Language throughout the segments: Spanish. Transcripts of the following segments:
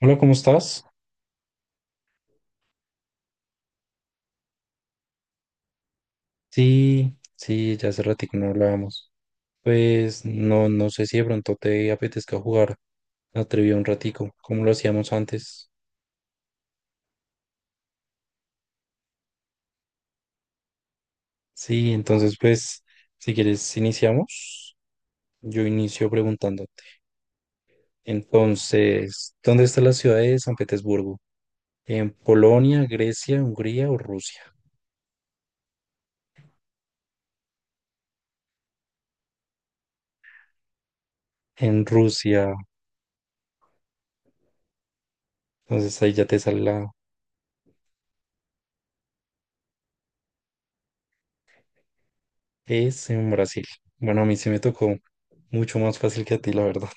Hola, ¿cómo estás? Sí, sí, ya hace ratito no hablábamos. Pues no, no sé si de pronto te apetezca jugar la trivia un ratico, como lo hacíamos antes. Sí, entonces pues, si quieres iniciamos. Yo inicio preguntándote. Entonces, ¿dónde está la ciudad de San Petersburgo? ¿En Polonia, Grecia, Hungría o Rusia? En Rusia. Entonces ahí ya te sale la es en Brasil. Bueno, a mí se me tocó mucho más fácil que a ti, la verdad.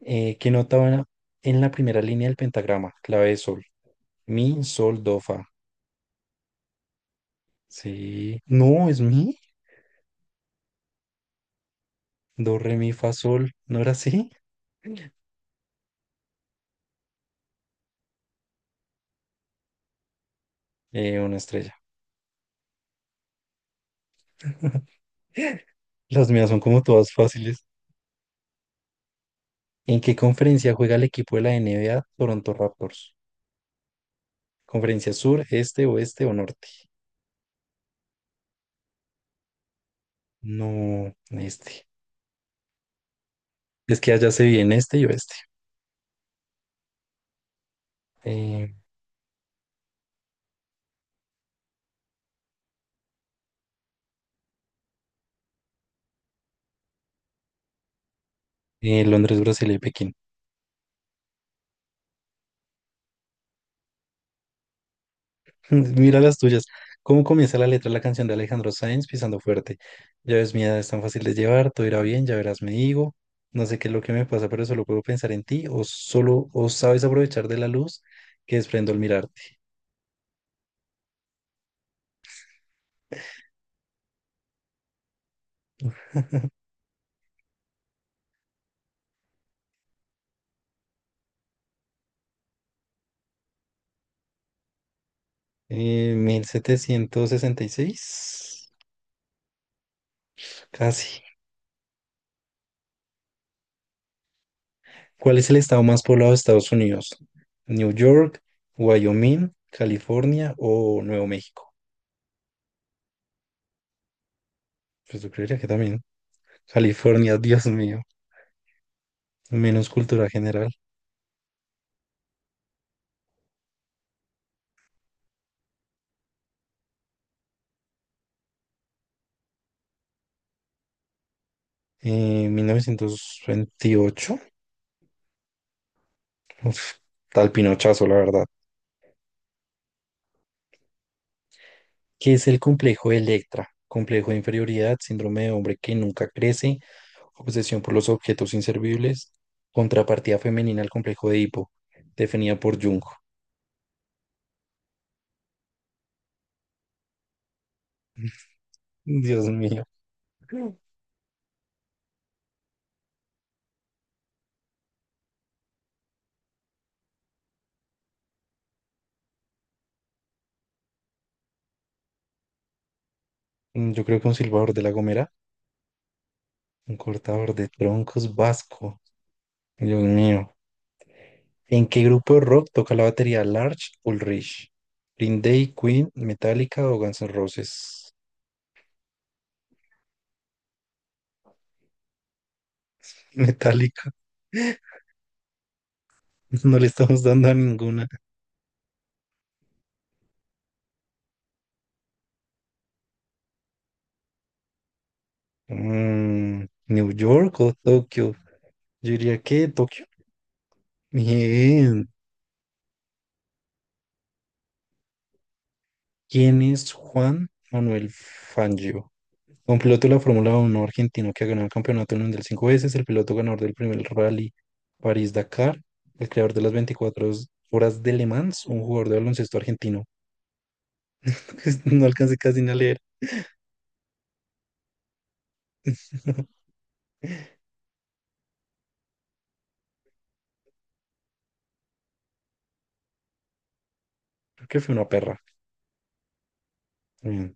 ¿Qué nota va en la primera línea del pentagrama? Clave de sol. Mi, sol, do, fa. Sí. No, es mi. Do, re, mi, fa, sol. ¿No era así? Una estrella. Las mías son como todas fáciles. ¿En qué conferencia juega el equipo de la NBA Toronto Raptors? ¿Conferencia sur, este, oeste o norte? No, este. Es que allá se viene este y oeste. Eh, Londres, Brasil y Pekín. Mira las tuyas. ¿Cómo comienza la letra de la canción de Alejandro Sanz pisando fuerte? Ya ves, mi edad es tan fácil de llevar, todo irá bien, ya verás, me digo. No sé qué es lo que me pasa, pero solo puedo pensar en ti, o solo, o sabes aprovechar de la luz que desprendo al mirarte. 1766, casi. ¿Cuál es el estado más poblado de Estados Unidos? ¿New York, Wyoming, California o Nuevo México? Pues yo creería que también. California, Dios mío. Menos cultura general. En 1928, uf, tal pinochazo, la verdad. ¿Qué es el complejo de Electra? Complejo de inferioridad, síndrome de hombre que nunca crece, obsesión por los objetos inservibles, contrapartida femenina al complejo de Edipo, definida por Jung. Dios mío. Yo creo que un silbador de La Gomera, un cortador de troncos vasco. Dios mío. ¿En qué grupo de rock toca la batería Large Ulrich? ¿Green Day, Queen, Metallica o Guns N' Roses? Metallica. No le estamos dando a ninguna. Mm, New York o Tokio. Yo diría que Tokio. Bien. ¿Quién es Juan Manuel Fangio? Un piloto de la Fórmula Uno argentino que ha ganado el campeonato mundial cinco veces, el piloto ganador del primer rally París-Dakar, el creador de las 24 horas de Le Mans, un jugador de baloncesto argentino. No alcancé casi ni a leer. Creo que fue una perra. Mm.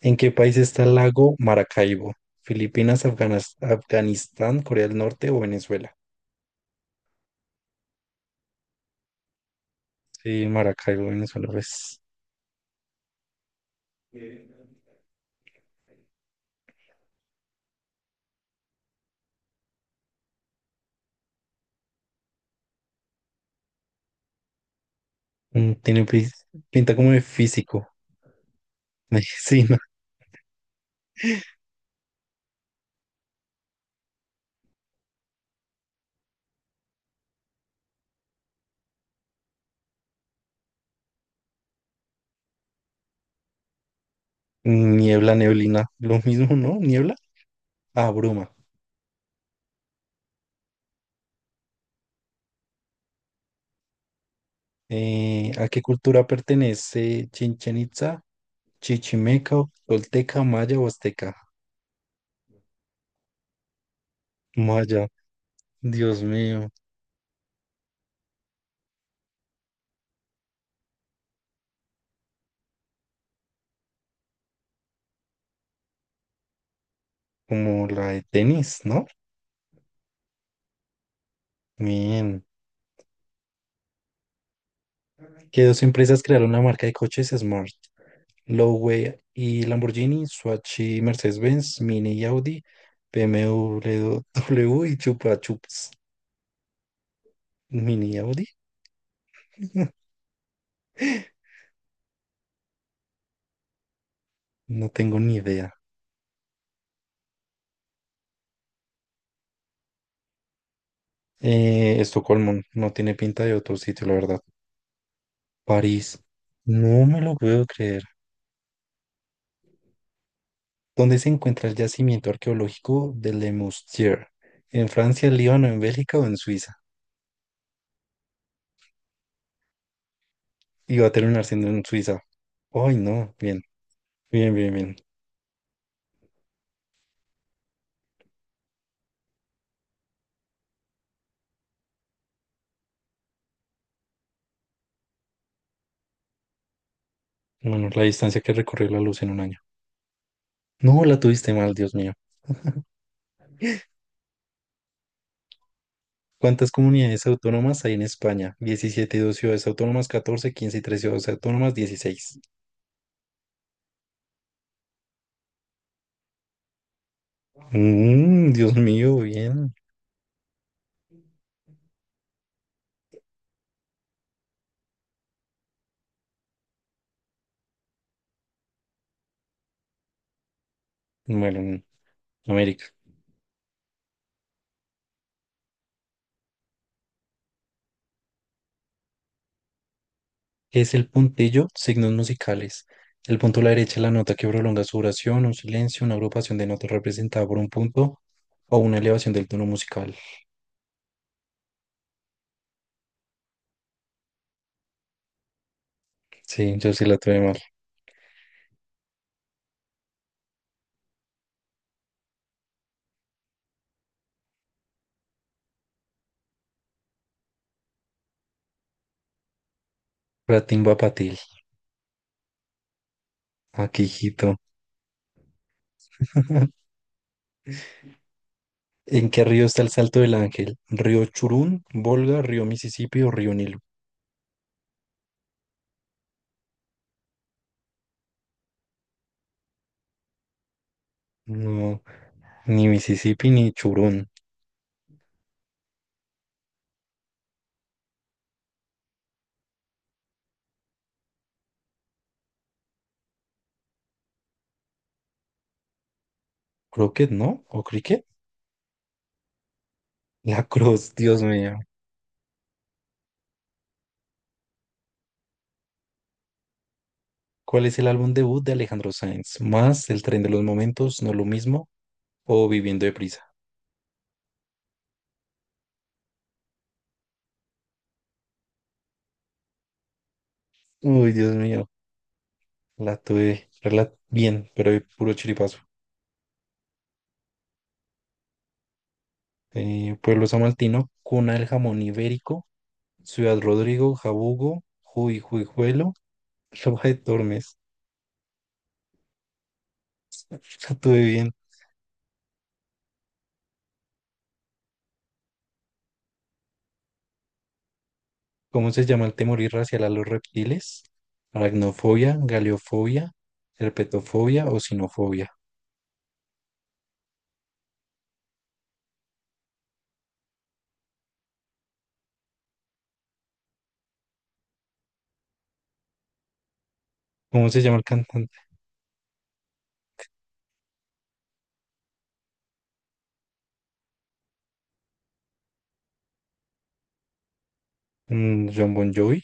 ¿En qué país está el lago Maracaibo? ¿Filipinas, Afganas- Afganistán, Corea del Norte o Venezuela? Sí, Maracaibo, Venezuela, pues. Tiene pinta como de físico. Sí, ¿no? Niebla, neblina. Lo mismo, ¿no? Niebla. Ah, bruma. ¿A qué cultura pertenece Chichen Itza? ¿Chichimeca, Tolteca, Maya o Azteca? Maya, Dios mío. Como la de tenis, ¿no? Bien. ¿Qué dos empresas crearon la marca de coches Smart? Lowway y Lamborghini, Swatch y Mercedes-Benz, Mini y Audi, BMW W W y Chupa Chups, Mini y Audi. No tengo ni idea. Estocolmo no tiene pinta de otro sitio, la verdad. París, no me lo puedo creer. ¿Dónde se encuentra el yacimiento arqueológico de Le Moustier? ¿En Francia, Líbano, en Bélgica o en Suiza? Y va a terminar siendo en Suiza. Ay, no, bien, bien, bien, bien. Bueno, la distancia que recorrió la luz en un año. No, la tuviste mal, Dios mío. ¿Cuántas comunidades autónomas hay en España? 17 y dos ciudades autónomas, 14, 15 y tres ciudades autónomas, 16. Mm, Dios mío, bien. Bueno, en América. ¿Qué es el puntillo? Signos musicales. El punto a la derecha es la nota que prolonga su oración, un silencio, una agrupación de notas representada por un punto o una elevación del tono musical. Sí, yo sí la tuve mal. Ratín Patil. Aquí, hijito. ¿En qué río está el Salto del Ángel? ¿Río Churún, Volga, río Mississippi o río Nilo? No, ni Mississippi ni Churún. Crockett, ¿no? ¿O Cricket? La Cruz, Dios mío. ¿Cuál es el álbum debut de Alejandro Sanz? ¿Más? ¿El tren de los momentos? ¿No lo mismo o Viviendo deprisa? Uy, Dios mío, la tuve bien, pero de puro chiripazo. Pueblo Samaltino, cuna del jamón ibérico, Ciudad Rodrigo, Jabugo, Juy, Juijuelo, Roja de Tormes. La tuve bien. ¿Cómo se llama el temor irracional a los reptiles? Aracnofobia, galeofobia, herpetofobia o sinofobia. ¿Cómo se llama el cantante? John Bon Jovi.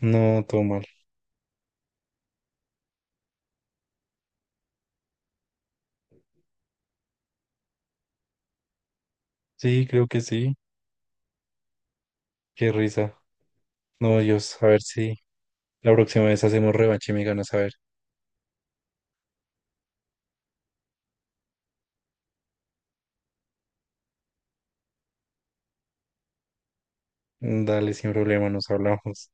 No, todo mal. Sí, creo que sí. Qué risa. No, Dios, a ver si la próxima vez hacemos revancha y me ganas a ver. Dale, sin problema, nos hablamos.